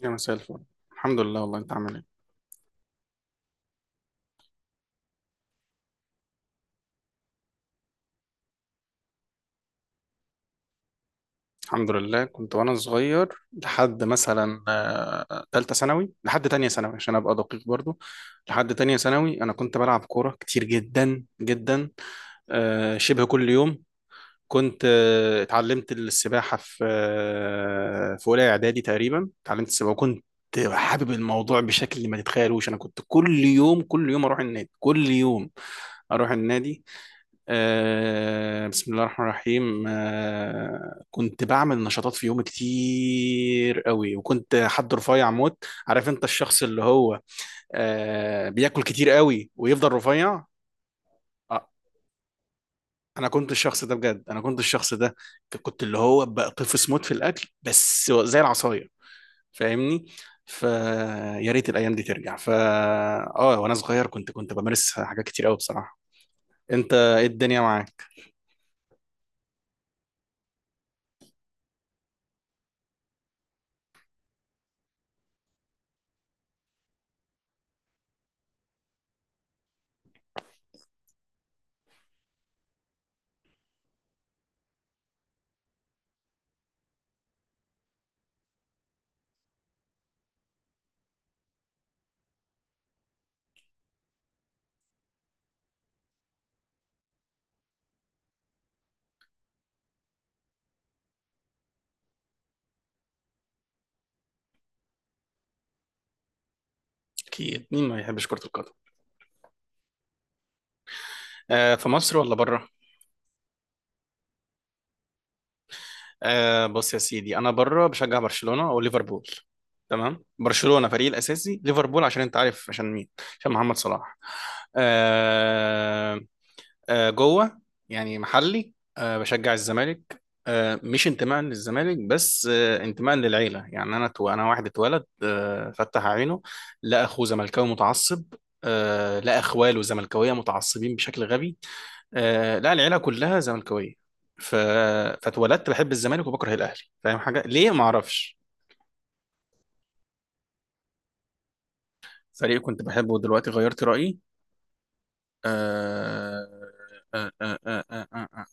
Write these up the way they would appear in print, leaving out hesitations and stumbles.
يا مساء الفل. الحمد لله، والله انت عامل ايه؟ الحمد لله، كنت وانا صغير لحد مثلا تالتة ثانوي، لحد تانية ثانوي عشان ابقى دقيق برضو. لحد تانية ثانوي انا كنت بلعب كورة كتير جدا جدا. شبه كل يوم. كنت اتعلمت السباحة في اولى اعدادي تقريبا، اتعلمت السباحة وكنت حابب الموضوع بشكل ما تتخيلوش. انا كنت كل يوم كل يوم اروح النادي كل يوم اروح النادي. بسم الله الرحمن الرحيم. كنت بعمل نشاطات في يومي كتير قوي، وكنت حد رفيع موت. عارف انت الشخص اللي هو بياكل كتير قوي ويفضل رفيع. آه، انا كنت الشخص ده، بجد انا كنت الشخص ده. كنت اللي هو بقطفس موت في الاكل بس زي العصاية. فاهمني؟ فيا ريت الايام دي ترجع. فا اه، وانا صغير كنت بمارس حاجات كتير قوي بصراحة. انت ايه الدنيا معاك؟ اكيد، مين ما بيحبش كرة القدم؟ في مصر ولا بره؟ بص يا سيدي، انا بره بشجع برشلونه وليفربول. تمام، برشلونه فريقي الاساسي، ليفربول عشان انت عارف عشان مين. عشان محمد صلاح. آه جوه. يعني محلي بشجع الزمالك. مش انتماء للزمالك بس انتماء للعيله. يعني انا تو انا واحد اتولد فتح عينه، لقى اخوه زملكاوي متعصب. لقى اخواله زملكاويه متعصبين بشكل غبي. لا، العيله كلها زملكاويه. ف... فاتولدت بحب الزمالك وبكره الاهلي، فاهم حاجه ليه؟ ما اعرفش. فريق كنت بحبه ودلوقتي غيرت رايي؟ آه... آه... آه... آه... آه... آه... آه.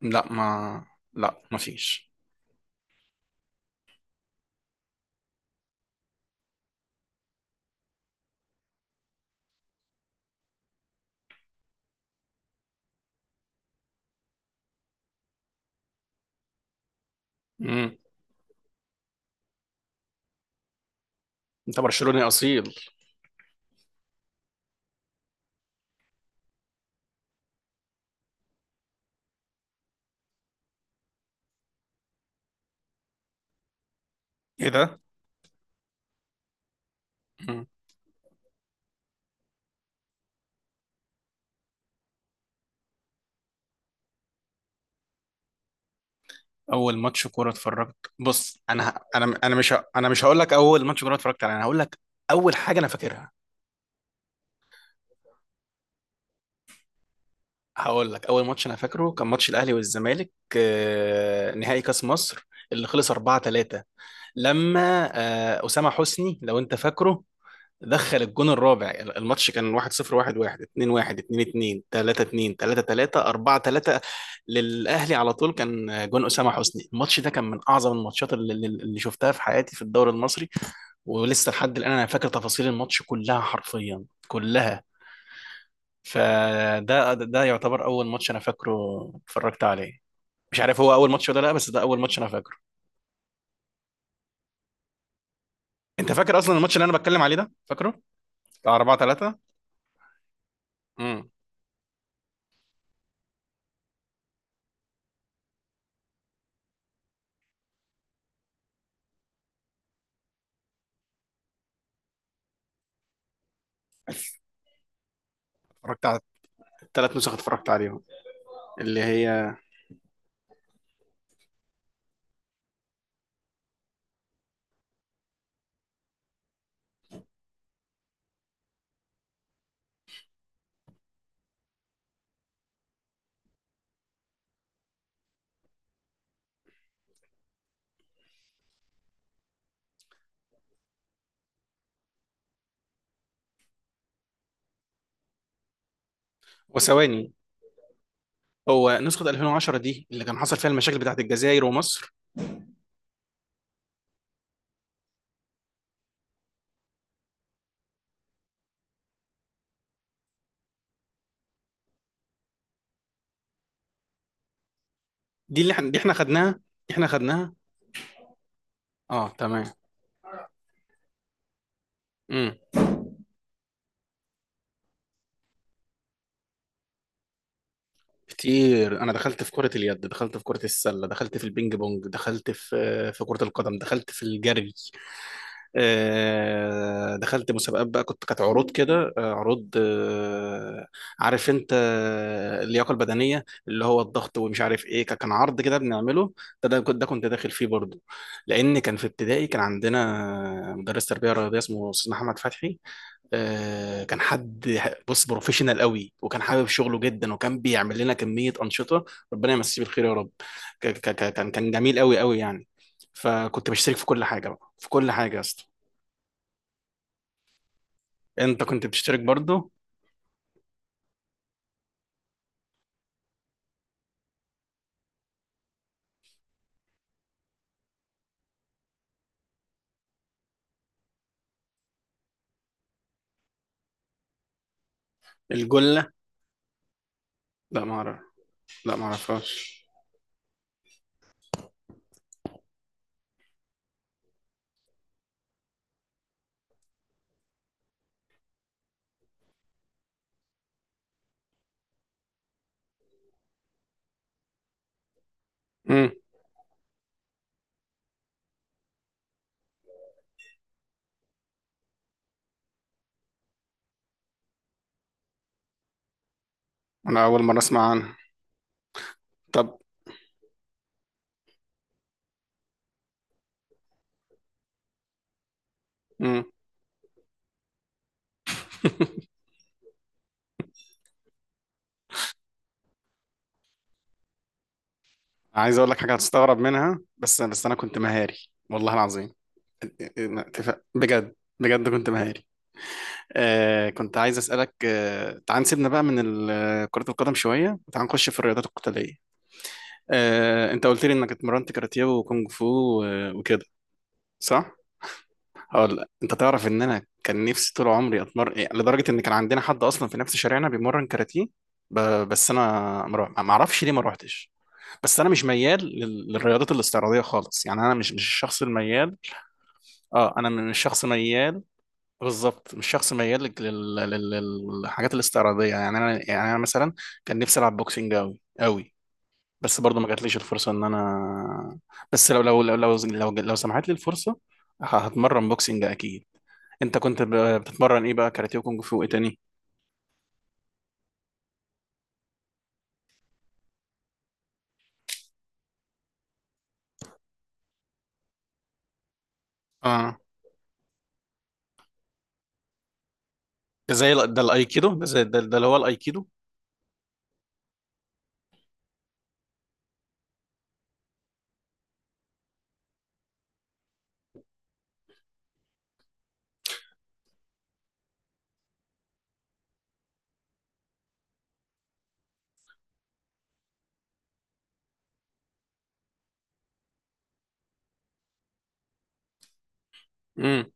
لا ما لا ما فيش. مم. انت برشلوني اصيل؟ ايه ده؟ مم. اول ماتش كوره اتفرجت؟ بص، انا مش هقول لك اول ماتش كوره اتفرجت عليه، انا هقول لك اول حاجه انا فاكرها. هقول لك، اول ماتش انا فاكره كان ماتش الاهلي والزمالك. نهائي كاس مصر اللي خلص 4-3، لما اسامه حسني لو انت فاكره دخل الجون الرابع. الماتش كان 1-0 1-1 2-1 2-2 3-2 3-3 4-3 للاهلي، على طول كان جون اسامه حسني. الماتش ده كان من اعظم الماتشات اللي شفتها في حياتي في الدوري المصري. ولسه لحد الان انا فاكر تفاصيل الماتش كلها، حرفيا كلها. فده يعتبر اول ماتش انا فاكره اتفرجت عليه. مش عارف هو اول ماتش ولا لا، بس ده اول ماتش انا فاكره. انت فاكر اصلا الماتش اللي انا بتكلم عليه ده؟ فاكره؟ بتاع 4-3. امم. اتفرجت على الثلاث نسخ، اتفرجت عليهم. اللي هي، وثواني. هو نسخة 2010 دي اللي كان حصل فيها المشاكل بتاعت الجزائر ومصر؟ دي احنا خدناها. احنا خدناها. اه، تمام. امم. كتير، انا دخلت في كرة اليد، دخلت في كرة السلة، دخلت في البينج بونج، دخلت في كرة القدم، دخلت في الجري. دخلت مسابقات بقى، كنت، كانت عروض كده، عروض عارف انت اللياقه البدنيه اللي هو الضغط ومش عارف ايه، كان عرض كده بنعمله. ده كنت داخل فيه برضه. لان كان في ابتدائي، كان عندنا مدرس تربيه رياضيه اسمه استاذ محمد فتحي. كان حد، بص، بروفيشنال قوي، وكان حابب شغله جدا، وكان بيعمل لنا كمية أنشطة. ربنا يمسيه بالخير يا رب. كان جميل قوي قوي يعني. فكنت بشترك في كل حاجة بقى، في كل حاجة يا اسطى. انت كنت بتشترك برضو؟ الجلة؟ لا ما اعرف. لا ما اعرفهاش. امم. انا اول مرة اسمع عنها. طب. امم. عايز اقول لك حاجة هتستغرب منها، بس انا كنت مهاري. والله العظيم. اتفق، بجد بجد كنت مهاري. كنت عايز اسالك، تعال نسيبنا بقى من كرة القدم شوية، وتعال نخش في الرياضات القتالية. انت قلت لي انك اتمرنت كاراتيه وكونج فو وكده، صح؟ هقول لك. انت تعرف ان انا كان نفسي طول عمري اتمرن إيه، لدرجه ان كان عندنا حد اصلا في نفس شارعنا بيمرن كاراتيه. ب... بس انا، ما اعرفش ليه ما روحتش. بس انا مش ميال للرياضات الاستعراضيه خالص، يعني انا مش الشخص الميال. اه، انا مش شخص ميال. بالظبط، مش شخص ميال للحاجات الاستعراضيه، يعني انا، يعني انا مثلا كان نفسي العب بوكسنج قوي قوي. بس برضه ما جاتليش الفرصه ان انا، بس لو سمحت لي الفرصه هتمرن بوكسنج اكيد. انت كنت بتتمرن ايه بقى، كاراتيه وكونج فو ايه تاني؟ اه، ده زي ده الايكيدو، ده زي ده اللي هو الايكيدو. امم.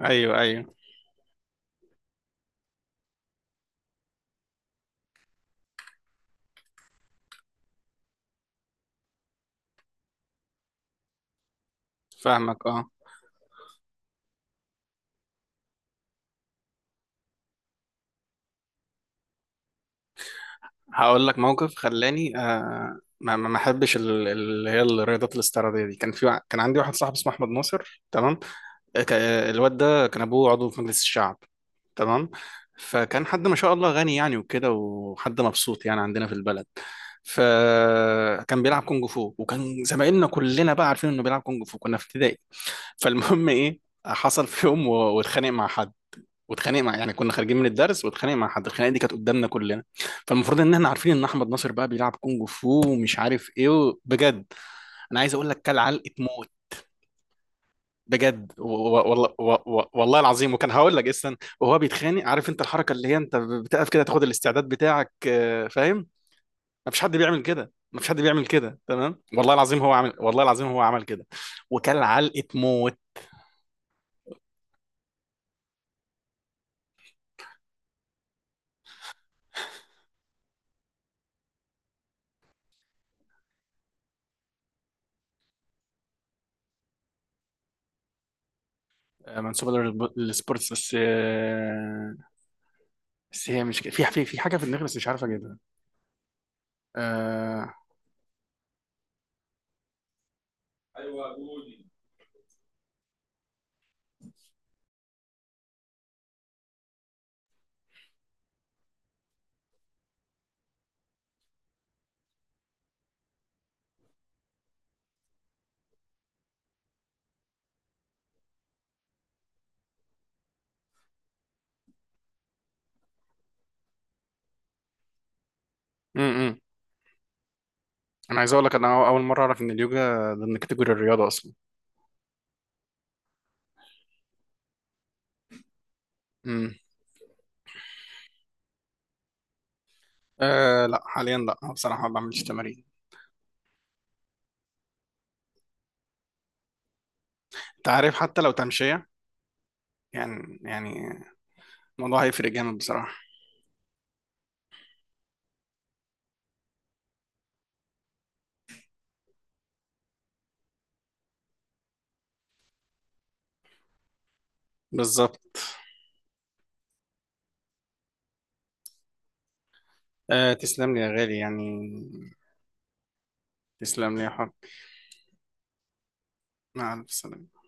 ايوه، ايوه. فاهمك. اه. هقول لك موقف خلاني ما احبش اللي هي الرياضات الاستعراضيه دي. كان في كان عندي واحد صاحبي اسمه احمد ناصر، تمام. ك- الواد ده كان ابوه عضو في مجلس الشعب، تمام. فكان حد ما شاء الله غني يعني وكده، وحد مبسوط يعني عندنا في البلد. فكان بيلعب كونج فو، وكان زمايلنا كلنا بقى عارفين انه بيلعب كونج فو، كنا في ابتدائي. فالمهم ايه، حصل في يوم واتخانق مع حد. واتخانق مع يعني كنا خارجين من الدرس، واتخانق مع حد. الخناقه دي كانت قدامنا كلنا. فالمفروض ان احنا عارفين ان احمد ناصر بقى بيلعب كونج فو ومش عارف ايه. بجد، انا عايز اقول لك، كل علقه موت. بجد والله العظيم. وكان هقول لك اصلا وهو بيتخانق، عارف انت الحركه اللي هي انت بتقف كده تاخد الاستعداد بتاعك، فاهم؟ مفيش حد بيعمل كده، مفيش حد بيعمل كده، تمام؟ والله العظيم هو عمل، والله العظيم هو عمل كده. وكان علقه موت. منسوبه للسبورتس بس بس هي مش كده. في حاجه في دماغي بس مش عارف اجيبها. آه، م- م. انا عايز اقول لك، انا اول مره اعرف ان اليوجا ضمن كاتيجوري الرياضه اصلا. م. أه، لا حاليا، لا بصراحه ما بعملش تمارين. انت عارف حتى لو تمشيه، يعني الموضوع هيفرق جامد بصراحة. بالظبط. تسلم لي يا غالي يعني. تسلم لي يا حب. مع ألف سلامة.